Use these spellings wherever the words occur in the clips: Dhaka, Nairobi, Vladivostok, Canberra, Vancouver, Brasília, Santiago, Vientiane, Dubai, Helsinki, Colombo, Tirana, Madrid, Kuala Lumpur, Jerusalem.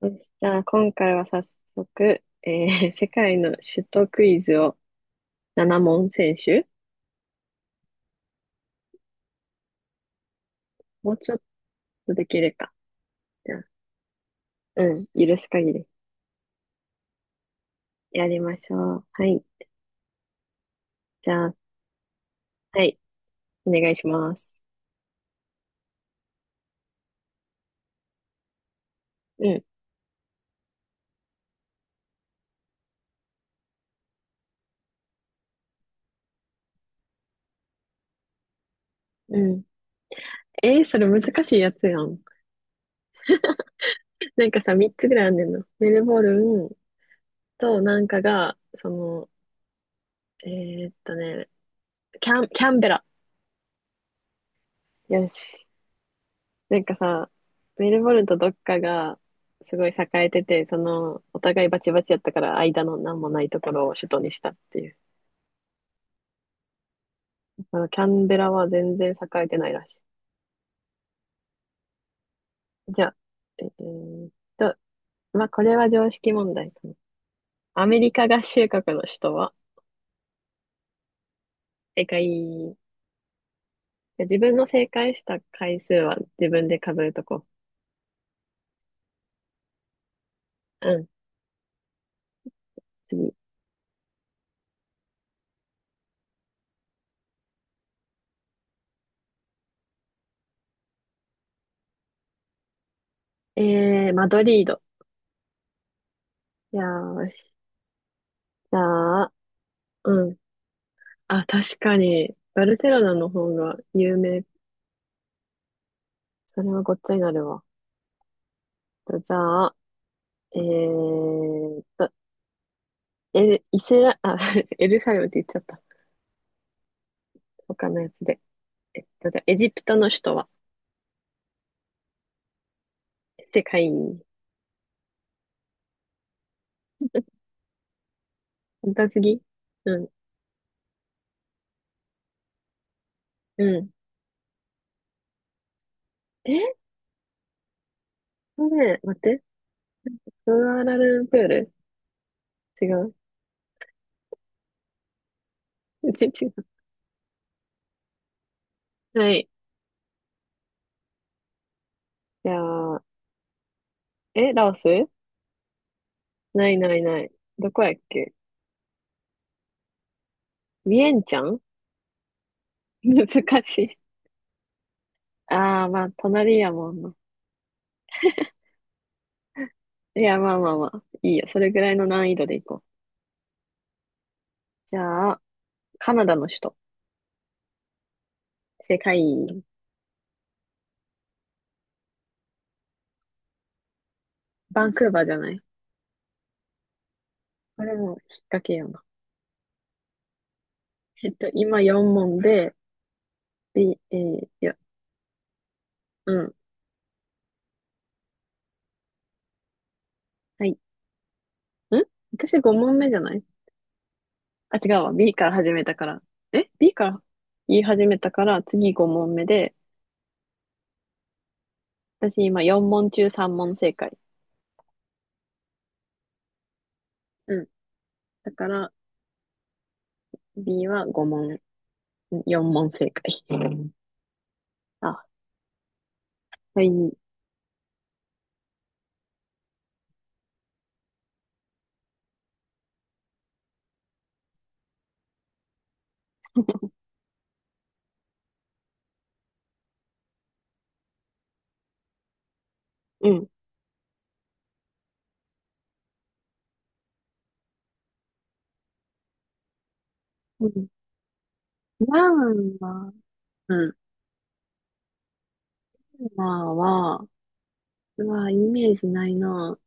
そしたら今回は早速、世界の首都クイズを7問選手もうちょっとできるか。じゃあ、うん、許す限りやりましょう。はい。じゃあ、はい、お願いします。うん、うん。えー、それ難しいやつやん。なんかさ、3つぐらいあんねんの。メルボルンとなんかが、えーっとね、キャンベラ。よし。なんかさ、メルボルンとどっかがすごい栄えてて、お互いバチバチやったから間の何もないところを首都にしたっていう。キャンベラは全然栄えてないらしい。じゃあ、えーっと、まあ、これは常識問題かな。アメリカ合衆国の首都は？正解。自分の正解した回数は自分で数えとこう。うん、次。マドリード。よーし。じゃあ、うん。あ、確かに、バルセロナの方が有名。それはごっつになるわ。じゃあ、えーっと、エル、イスラ、あ、エルサレムって言っちゃった。他のやつで。じゃあ、エジプトの首都は？世界に。本当は次。うん、うん。え、ね待って。クアラルンプール。違う。全然違う。はい。じゃあ、え、ラオス。ないないない。どこやっけ？ビエンチャン。 難しい。ああ、まあ、隣やもんな。いや、まあまあまあ。いいよ。それぐらいの難易度でいこう。じゃあ、カナダの首都。世界、バンクーバーじゃない？これも引っ掛けような。今4問で、B、いや、うん。はい。ん、私5問目じゃない？あ、違うわ。B から始めたから。え？ B から言い始めたから、次5問目で、私今4問中3問正解。うん。だから、B は5問、4問正解。うん、あ、はい。うん。うん。ランは、うん。ワンは、うわ、イメージないな。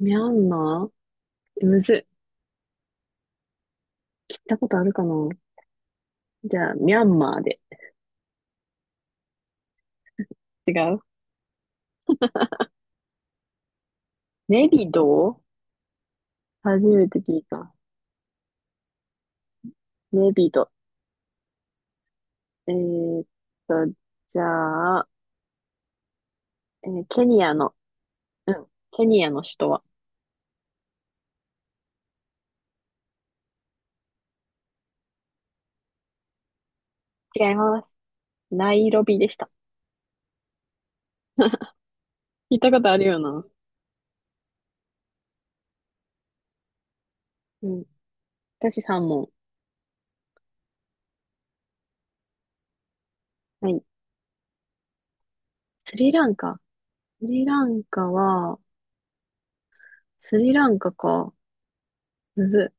ミャンマー、え、むずい。聞いたことあるかな？じゃあ、ミャンマーで。違う。ネビド。初めて聞いた。ネビド。えーっと、じゃあ、ケニアの、うん、ケニアの首都は？違います。ナイロビでした。聞いたことあるよな。うん。私3問。はい。スリランカ。スリランカは、スリランカか。むず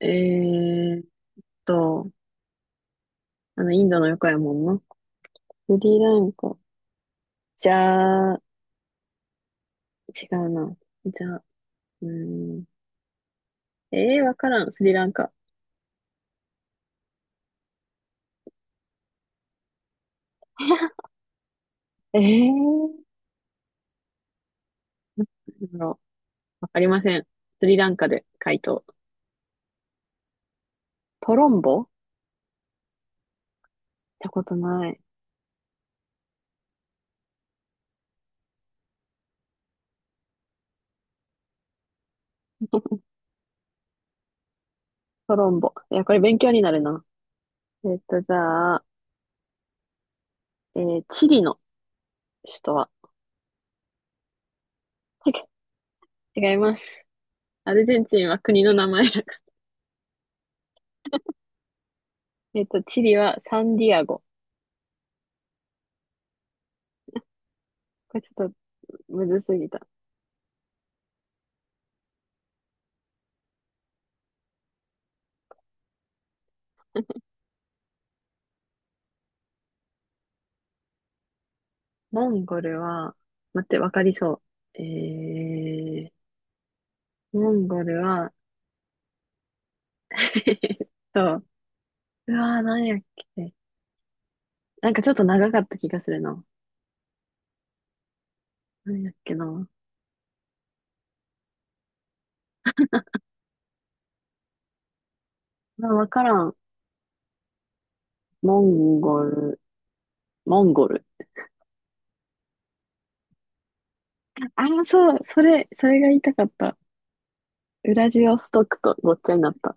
い。と、インドの横やもんな。スリランカ。じゃあ、違うな。じゃあ、うーん。ええー、わからん。スリランカ。えー、なんだろう、わかりません。スリランカで回答。トロンボってことない。トロンボ。いや、これ勉強になるな。じゃあ、チリの首都は？違う、違います。アルゼンチンは国の名前。チリはサンディアゴ。これちょっとむずすぎた。モンゴルは、待って、わかりそう。モンゴルは、そう。うわー、なんやっけ。なんかちょっと長かった気がするな。何やっけな。まあ、わからん。モンゴル、モンゴル。ああ、そう、それが言いたかった。ウラジオストクとごっちゃになった。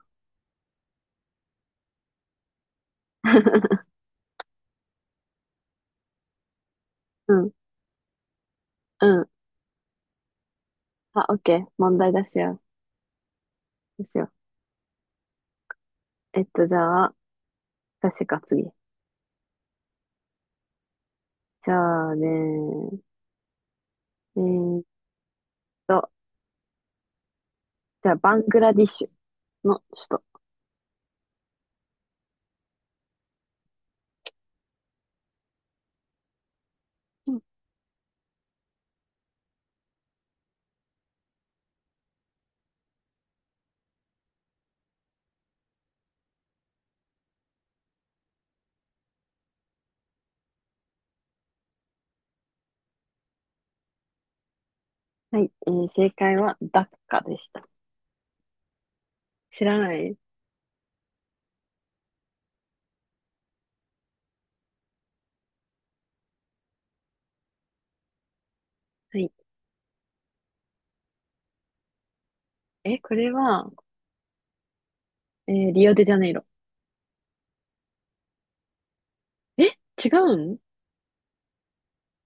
うん、うん。あ、オッケー。問題出しよう。どうしよう。じゃあ、確か次。じゃあね、ーっと、じゃあ、バングラディッシュの首都。うん。はい、正解はダッカでした。知らない。はい。え、これは、リオデジャネイロ。え、違うん？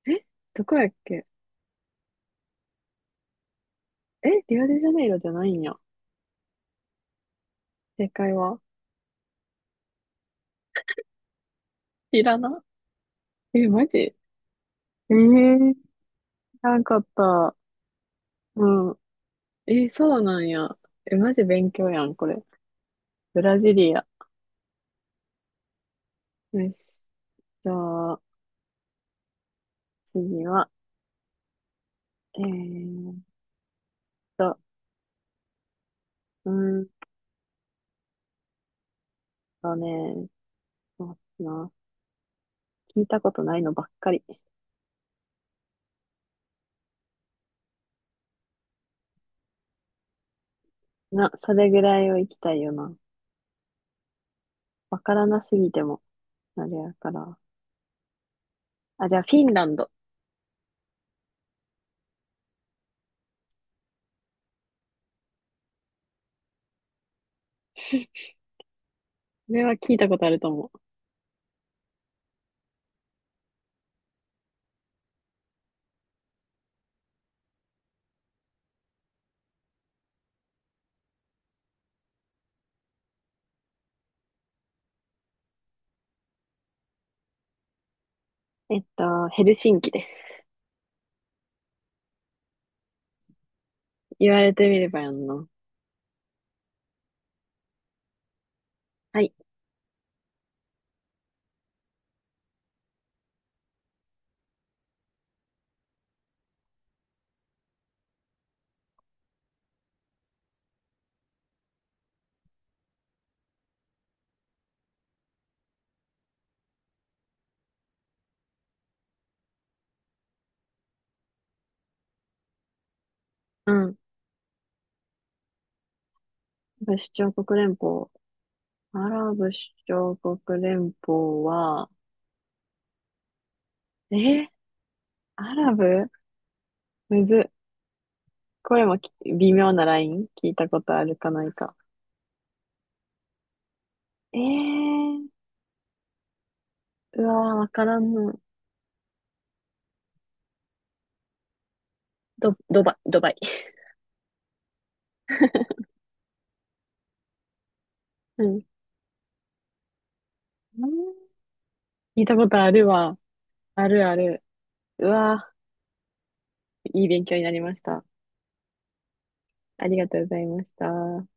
え、どこやっけ？え、リオデジャネイロじゃないんや。正解はティラナ。え、マジ。知らんかった。うん。え、そうなんや。え、マジ勉強やん、これ。ブラジリア。よし。じゃあ、次は、えーっと、うーんとね、そうだな。聞いたことないのばっかり。な、それぐらいを行きたいよな。わからなすぎても、あれやから。あ、じゃあ、フィンランド。これは聞いたことあると思う。ヘルシンキです。言われてみればやんな。はい。うん。アラブ首長国連邦。アラブ首長国連邦は、えーアラブむずっ。これも微妙なライン聞いたことあるかないか。えー、うわー、わからんの。ドバイ、ドバイ。うん。聞いたことあるわ。あるある。うわー、いい勉強になりました。ありがとうございました。